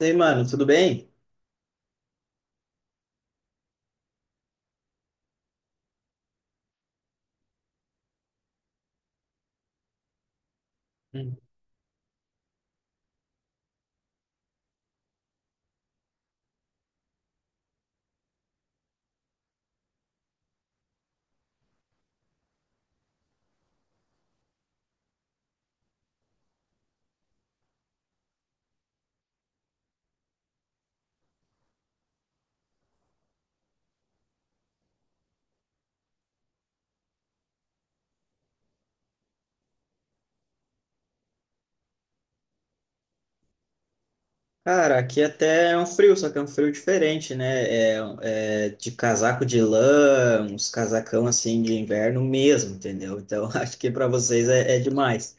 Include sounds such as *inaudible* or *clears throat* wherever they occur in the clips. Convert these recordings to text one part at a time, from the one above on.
E aí, mano, tudo bem? Hum. Cara, aqui até é um frio, só que é um frio diferente, né? É de casaco de lã, uns casacão assim de inverno mesmo, entendeu? Então *laughs* acho que para vocês é demais.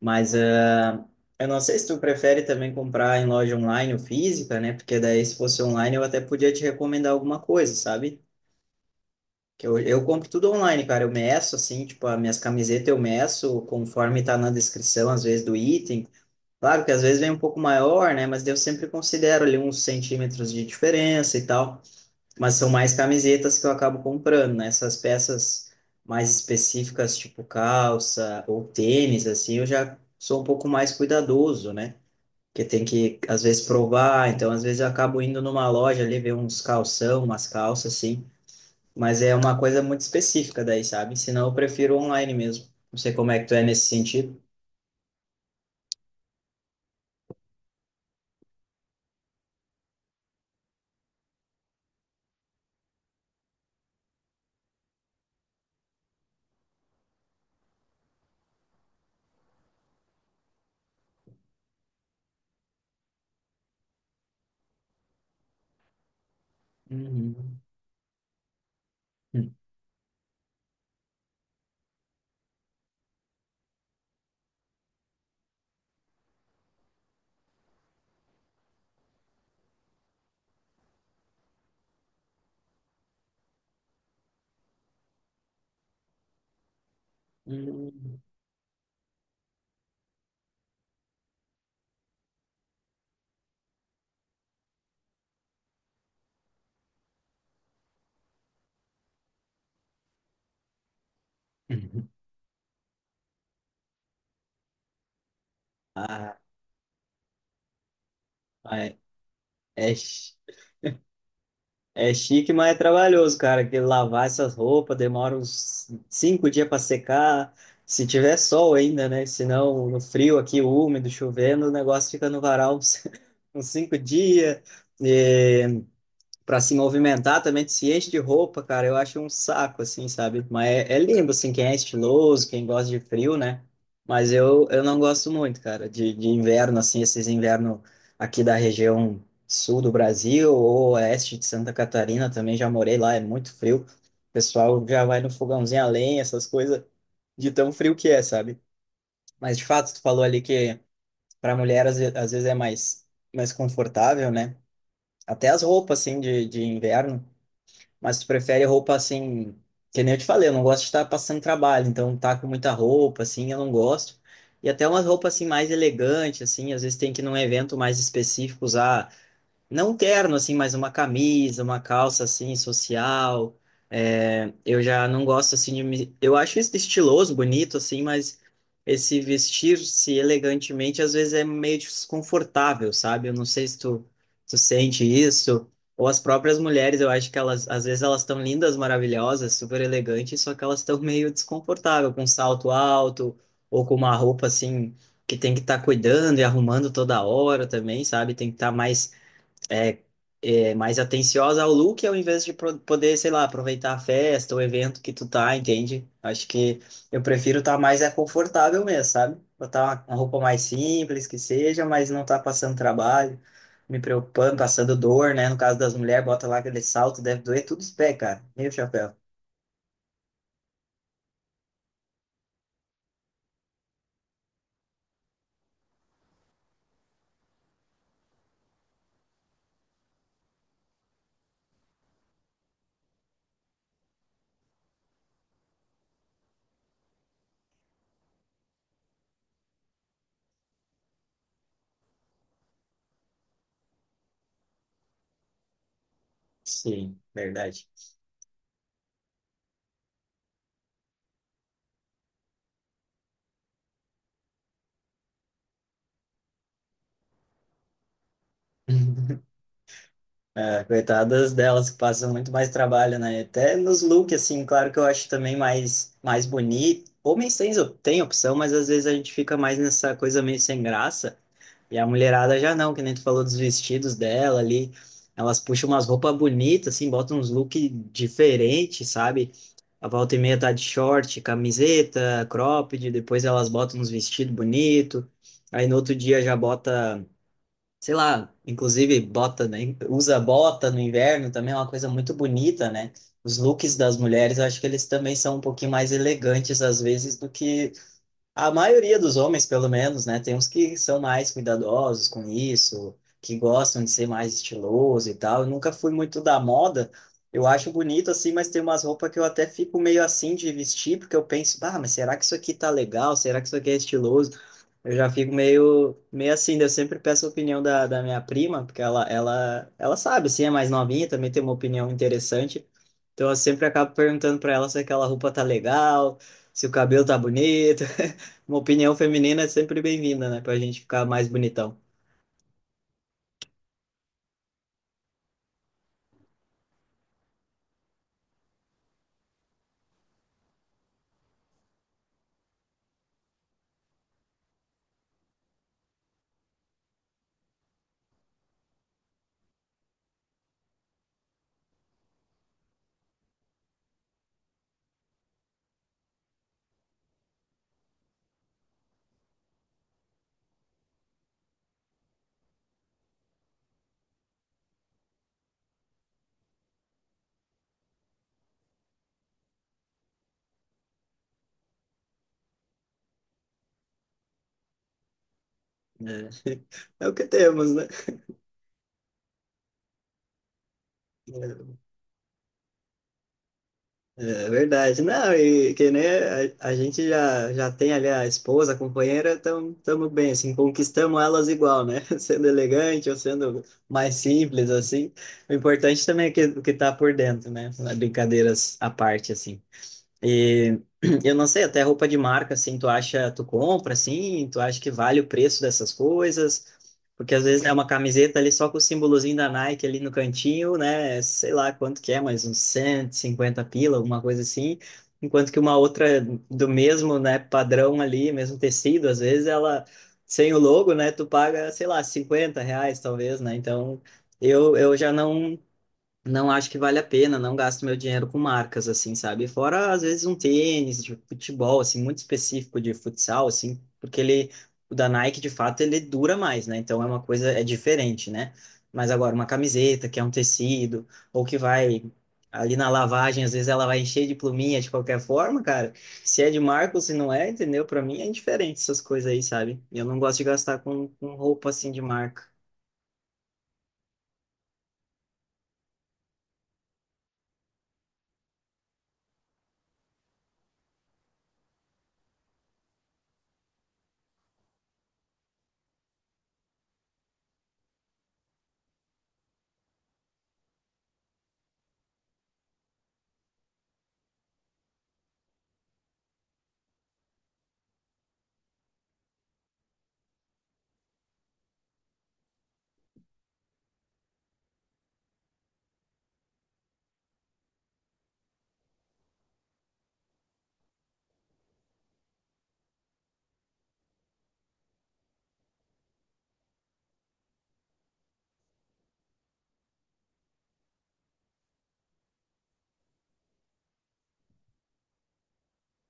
Mas ah, eu não sei se tu prefere também comprar em loja online ou física, né? Porque daí se fosse online eu até podia te recomendar alguma coisa, sabe? Que eu compro tudo online, cara. Eu meço assim, tipo, as minhas camisetas eu meço conforme tá na descrição, às vezes, do item. Claro que às vezes vem um pouco maior, né? Mas eu sempre considero ali uns centímetros de diferença e tal. Mas são mais camisetas que eu acabo comprando, né? Essas peças mais específicas, tipo calça ou tênis, assim, eu já sou um pouco mais cuidadoso, né? Porque tem que, às vezes, provar. Então, às vezes, eu acabo indo numa loja ali ver uns calção, umas calças, assim. Mas é uma coisa muito específica daí, sabe? Senão, eu prefiro online mesmo. Não sei como é que tu é nesse sentido. Uhum. Uhum. Uhum. Ah, mas é, é chique, mas é trabalhoso, cara. Que lavar essas roupas demora uns 5 dias para secar. Se tiver sol ainda, né? Senão, no frio aqui, úmido, chovendo, o negócio fica no varal uns, *laughs* uns 5 dias. Para se movimentar também, se enche de roupa, cara, eu acho um saco, assim, sabe? Mas é, é lindo, assim, quem é estiloso, quem gosta de frio, né? Mas eu não gosto muito, cara, de inverno, assim, esses invernos aqui da região sul do Brasil ou oeste de Santa Catarina também, já morei lá, é muito frio. O pessoal já vai no fogãozinho a lenha, essas coisas, de tão frio que é, sabe? Mas, de fato, tu falou ali que para mulher, às vezes, é mais, mais confortável, né? Até as roupas, assim, de inverno, mas tu prefere roupa assim, que nem eu te falei, eu não gosto de estar passando trabalho, então tá com muita roupa, assim, eu não gosto. E até umas roupas assim mais elegantes, assim, às vezes tem que ir num evento mais específico usar não um terno, assim, mas uma camisa, uma calça, assim, social. É, eu já não gosto, assim, de me... Eu acho isso estiloso, bonito, assim, mas esse vestir-se elegantemente, às vezes, é meio desconfortável, sabe? Eu não sei se tu sente isso. Ou as próprias mulheres, eu acho que elas, às vezes, elas estão lindas, maravilhosas, super elegantes, só que elas estão meio desconfortáveis, com salto alto, ou com uma roupa, assim, que tem que estar cuidando e arrumando toda hora também, sabe? Tem que estar mais é, é mais atenciosa ao look ao invés de poder, sei lá, aproveitar a festa, o evento que tu tá, entende? Acho que eu prefiro estar mais é confortável mesmo, sabe? Botar uma roupa mais simples que seja, mas não tá passando trabalho, me preocupando, passando dor, né? No caso das mulheres, bota lá aquele salto, deve doer tudo os pés, cara. E o chapéu? Sim, verdade. *laughs* É, coitadas delas que passam muito mais trabalho, né? Até nos looks, assim, claro que eu acho também mais, mais bonito. Homens têm, tem opção, mas às vezes a gente fica mais nessa coisa meio sem graça. E a mulherada já não, que nem tu falou dos vestidos dela ali. Elas puxam umas roupas bonitas, assim, botam uns looks diferentes, sabe? A volta e meia tá de short, camiseta, cropped, depois elas botam uns vestidos bonitos. Aí no outro dia já bota, sei lá, inclusive bota, né, usa bota no inverno também é uma coisa muito bonita, né? Os looks das mulheres, eu acho que eles também são um pouquinho mais elegantes às vezes do que a maioria dos homens, pelo menos, né? Tem uns que são mais cuidadosos com isso, que gostam de ser mais estiloso e tal. Eu nunca fui muito da moda. Eu acho bonito assim, mas tem umas roupas que eu até fico meio assim de vestir, porque eu penso, ah, mas será que isso aqui tá legal? Será que isso aqui é estiloso? Eu já fico meio, meio assim, daí eu sempre peço a opinião da minha prima, porque ela sabe, sim, é mais novinha, também tem uma opinião interessante. Então eu sempre acabo perguntando para ela se aquela roupa tá legal, se o cabelo tá bonito. *laughs* Uma opinião feminina é sempre bem-vinda, né? Pra gente ficar mais bonitão. É, *laughs* é o que temos, né? É verdade. Não, e que nem a gente já, já tem ali a esposa, a companheira, estamos bem, assim, conquistamos elas igual, né? *laughs* Sendo elegante ou sendo mais simples, assim. O importante também é que, o que tá por dentro, né? Brincadeiras à parte, assim. E *clears throat* eu não sei, até roupa de marca, assim, tu acha, tu compra, assim, tu acha que vale o preço dessas coisas? Porque às vezes é uma camiseta ali só com o símbolozinho da Nike ali no cantinho, né? Sei lá quanto que é, mas uns 150 pila, alguma coisa assim. Enquanto que uma outra do mesmo, né, padrão ali, mesmo tecido, às vezes ela, sem o logo, né, tu paga, sei lá, 50 reais talvez, né? Então, eu já não acho que vale a pena, não gasto meu dinheiro com marcas, assim, sabe? Fora, às vezes, um tênis de futebol, assim, muito específico de futsal, assim, porque ele, o da Nike, de fato, ele dura mais, né? Então, é uma coisa, é diferente, né? Mas agora, uma camiseta, que é um tecido, ou que vai ali na lavagem, às vezes ela vai encher de pluminha de qualquer forma, cara. Se é de marca ou se não é, entendeu? Pra mim é indiferente essas coisas aí, sabe? Eu não gosto de gastar com roupa, assim, de marca.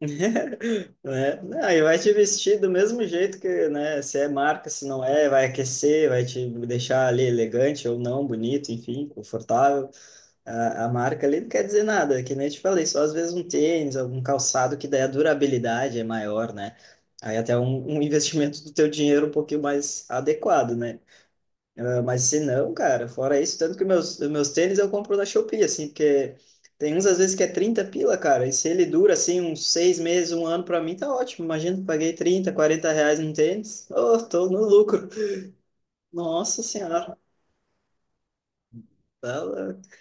*laughs* Né? Não, e vai te vestir do mesmo jeito que, né, se é marca, se não é, vai aquecer, vai te deixar ali elegante ou não, bonito, enfim, confortável. A marca ali não quer dizer nada, que nem eu te falei, só às vezes um tênis, algum calçado que daí a durabilidade é maior, né? Aí até um, um investimento do teu dinheiro um pouquinho mais adequado, né? Ah, mas se não, cara, fora isso, tanto que meus tênis eu compro na Shopee, assim, porque tem uns às vezes que é 30 pila, cara, e se ele dura, assim, uns 6 meses, um ano, pra mim tá ótimo. Imagina, eu paguei 30, 40 reais num tênis, oh, tô no lucro. Nossa Senhora, tá louco.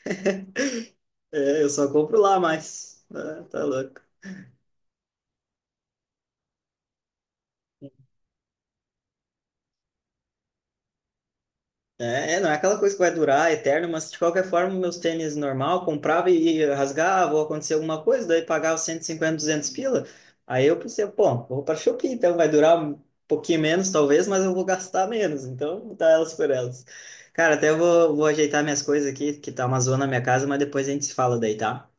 É, eu só compro lá mais, tá, tá louco. É, não é aquela coisa que vai durar eterno, mas de qualquer forma, meus tênis normal, comprava e rasgava, ou acontecia alguma coisa, daí pagava 150, 200 pila. Aí eu pensei, pô, vou para Shopee, então vai durar um pouquinho menos, talvez, mas eu vou gastar menos, então vou dar elas por elas. Cara, até eu vou ajeitar minhas coisas aqui, que tá uma zona na minha casa, mas depois a gente se fala daí, tá?